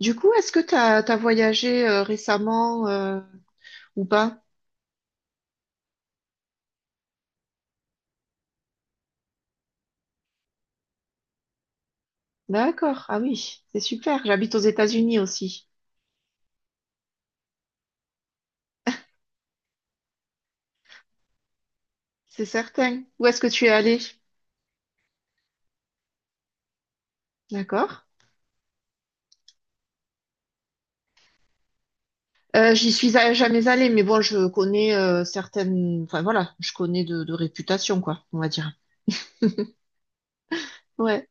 Du coup, est-ce que t'as voyagé récemment ou pas? D'accord. Ah oui, c'est super. J'habite aux États-Unis aussi. C'est certain. Où est-ce que tu es allé? D'accord. J'y suis jamais allée, mais bon, je connais certaines. Enfin voilà, je connais de réputation, quoi, on va dire. Ouais.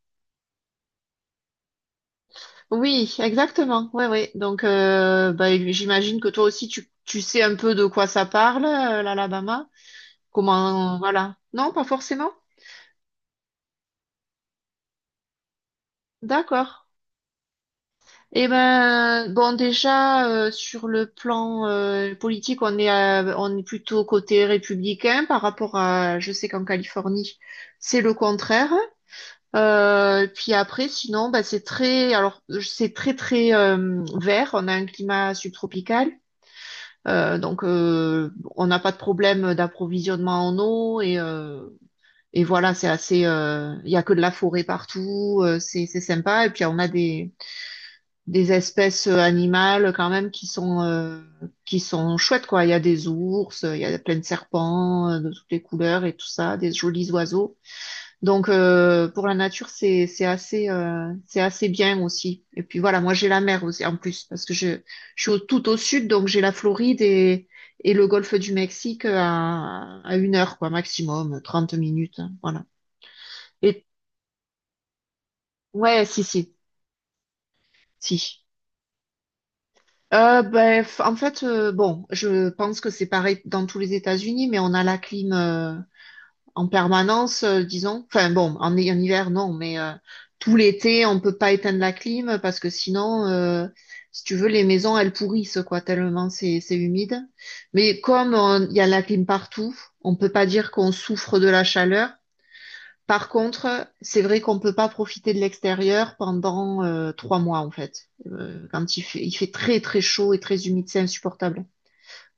Oui, exactement. Ouais, ouais. Donc, bah, j'imagine que toi aussi, tu sais un peu de quoi ça parle, l'Alabama. Comment, voilà. Non, pas forcément. D'accord. Eh ben, bon, déjà, sur le plan politique, on est plutôt côté républicain par rapport à, je sais qu'en Californie, c'est le contraire. Puis après, sinon, bah, c'est très, très vert. On a un climat subtropical. Euh, donc, euh, on n'a pas de problème d'approvisionnement en eau et voilà, c'est assez, il y a que de la forêt partout, c'est sympa. Et puis, on a des espèces animales quand même qui sont chouettes quoi. Il y a des ours, il y a plein de serpents de toutes les couleurs et tout ça, des jolis oiseaux. Donc pour la nature c'est assez bien aussi. Et puis voilà, moi j'ai la mer aussi en plus parce que je suis tout au sud, donc j'ai la Floride et le golfe du Mexique à 1 heure quoi maximum, 30 minutes, hein, voilà. Et ouais, si si si. Ben, en fait, bon, je pense que c'est pareil dans tous les États-Unis, mais on a la clim en permanence, disons. Enfin bon, en hiver, non, mais tout l'été, on peut pas éteindre la clim parce que sinon, si tu veux, les maisons, elles pourrissent, quoi, tellement c'est humide. Mais comme il y a la clim partout, on peut pas dire qu'on souffre de la chaleur. Par contre, c'est vrai qu'on peut pas profiter de l'extérieur pendant 3 mois en fait. Quand il fait très très chaud et très humide, c'est insupportable.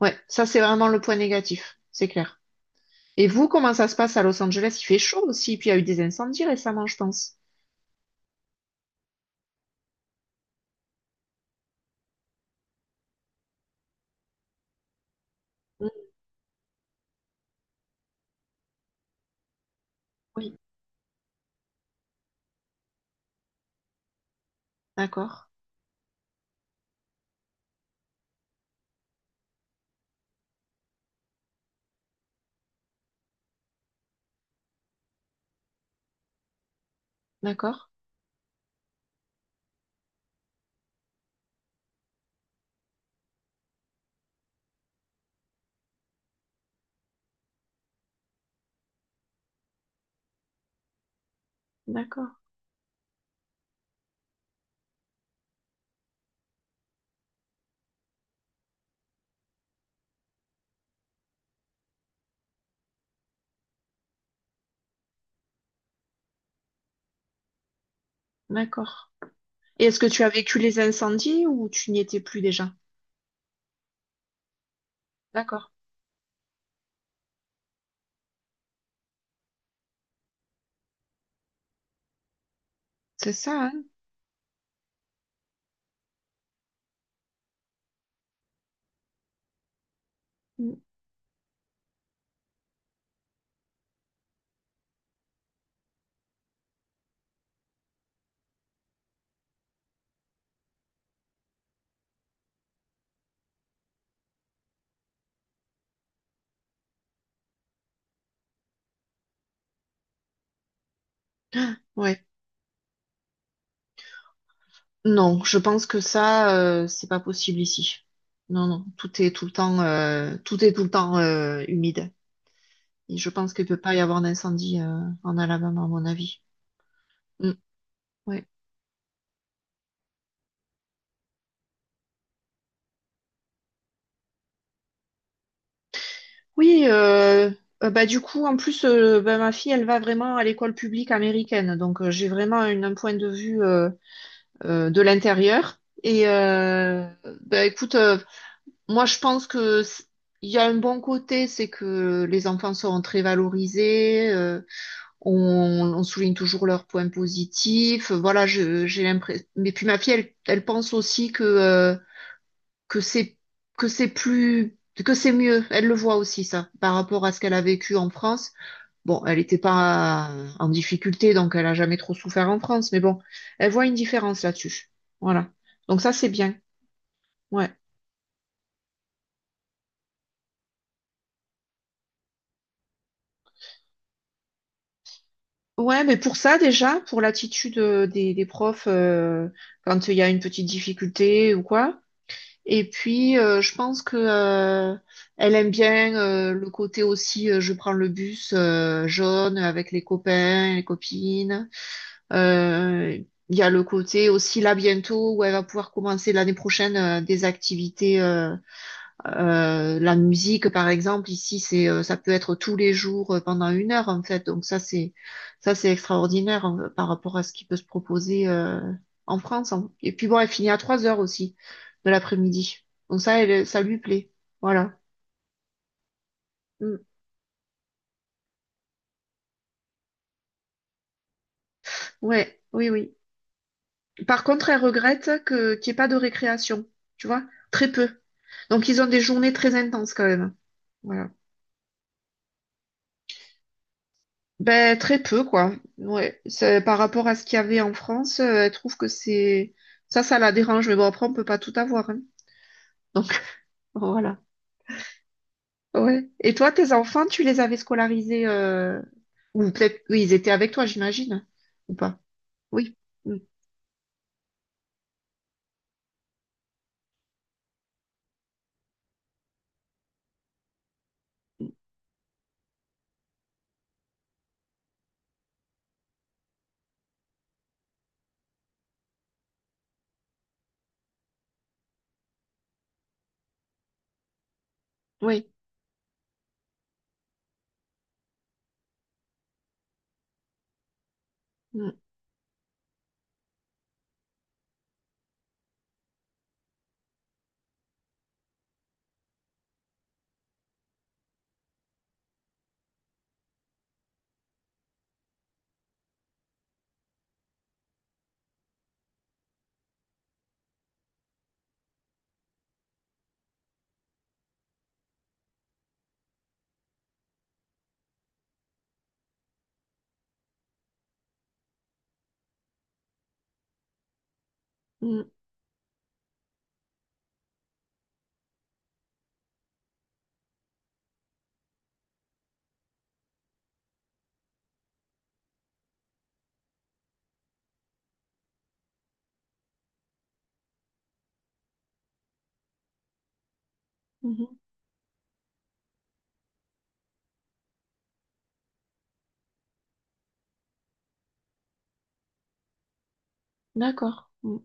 Ouais, ça c'est vraiment le point négatif, c'est clair. Et vous, comment ça se passe à Los Angeles? Il fait chaud aussi, puis il y a eu des incendies récemment, je pense. Mm. Oui, d'accord, d'accord, d'accord, d'accord. Et est-ce que tu as vécu les incendies ou tu n'y étais plus déjà? D'accord, c'est ça, hein? Mm. Ouais. Non, je pense que ça, c'est pas possible ici. Non, non, tout est tout le temps, tout est tout le temps humide. Et je pense qu'il peut pas y avoir d'incendie en Alabama, à mon avis. Mm, ouais. Oui, bah du coup, en plus, bah, ma fille, elle va vraiment à l'école publique américaine, donc j'ai vraiment un point de vue de l'intérieur. Et bah écoute, moi, je pense que il y a un bon côté, c'est que les enfants seront très valorisés. On, on souligne toujours leurs points positifs. Voilà, j'ai l'impression. Mais puis ma fille, elle pense aussi que c'est que c'est plus que c'est mieux. Elle le voit aussi ça par rapport à ce qu'elle a vécu en France. Bon, elle n'était pas en difficulté, donc elle a jamais trop souffert en France. Mais bon, elle voit une différence là-dessus. Voilà. Donc ça, c'est bien. Ouais. Ouais, mais pour ça déjà, pour l'attitude des profs quand il y a une petite difficulté ou quoi. Et puis, je pense que elle aime bien le côté aussi, je prends le bus jaune avec les copains, les copines. Euh, Il y a le côté aussi là bientôt où elle va pouvoir commencer l'année prochaine des activités. La musique, par exemple, ici, ça peut être tous les jours pendant 1 heure, en fait. Ça, c'est extraordinaire par rapport à ce qui peut se proposer en France, hein. Et puis bon, elle finit à 3 heures aussi de l'après-midi. Donc ça, elle, ça lui plaît. Voilà. Mm. Ouais, oui, oui. Par contre, elle regrette que qu'il n'y ait pas de récréation, tu vois, très peu. Donc ils ont des journées très intenses quand même. Voilà. Ben, très peu, quoi. Ouais. Par rapport à ce qu'il y avait en France, elle trouve Ça, ça la dérange. Mais bon, après, on peut pas tout avoir, hein. Donc, voilà. Ouais. Et toi, tes enfants, tu les avais scolarisés. Ou peut-être. Oui, ils étaient avec toi, j'imagine, hein. Ou pas? Oui. Mm. Oui. Mm. Mm. Mhm. D'accord. Mm.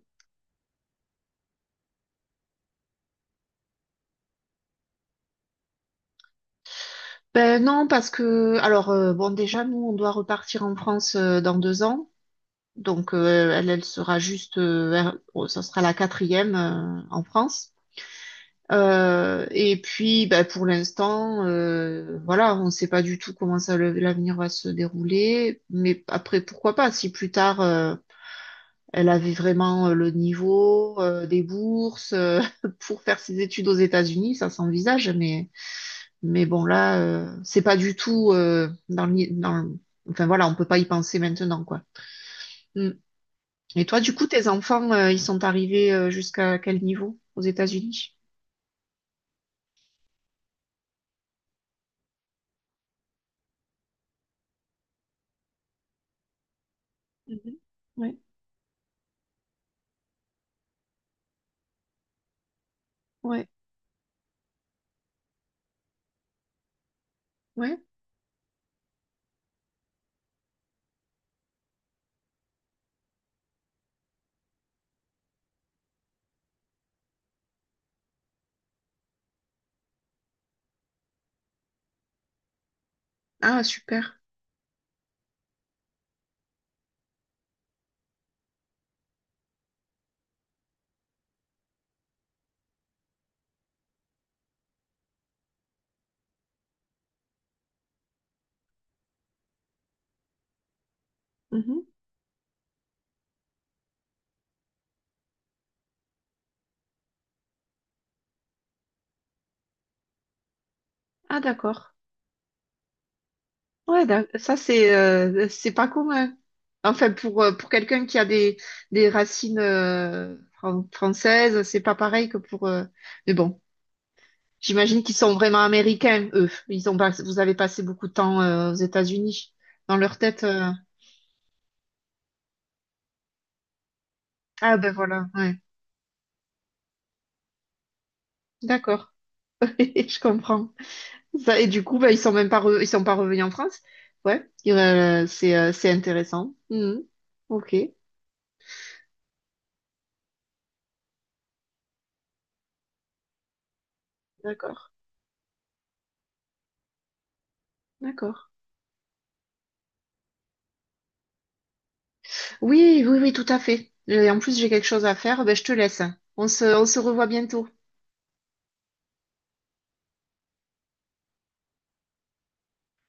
Ben non, parce que. Alors, bon, déjà, nous, on doit repartir en France dans 2 ans. Donc, elle sera juste. Oh, ça sera la quatrième en France. Et puis, bah, pour l'instant, voilà, on ne sait pas du tout comment l'avenir va se dérouler. Mais après, pourquoi pas, si plus tard, elle avait vraiment le niveau, des bourses, pour faire ses études aux États-Unis, ça s'envisage. Mais bon, là, c'est pas du tout Enfin voilà, on peut pas y penser maintenant, quoi. Mm. Et toi, du coup, tes enfants, ils sont arrivés jusqu'à quel niveau aux États-Unis? Mhm. Ouais, ouais. Ouais. Ah, super. Mhm. Ah, d'accord. Ouais, ça, c'est pas commun. Enfin, pour quelqu'un qui a des racines françaises, c'est pas pareil que pour. Mais bon, j'imagine qu'ils sont vraiment américains, eux. Ils ont pas- Vous avez passé beaucoup de temps aux États-Unis. Dans leur tête. Ah, ben voilà, ouais. D'accord. Je comprends. Ça, et du coup, ben, ils sont pas revenus en France. Ouais. C'est intéressant. Mhm. Ok, d'accord, d'accord. Oui, oui, oui, tout à fait. Et en plus, j'ai quelque chose à faire. Ben, je te laisse. On se revoit bientôt.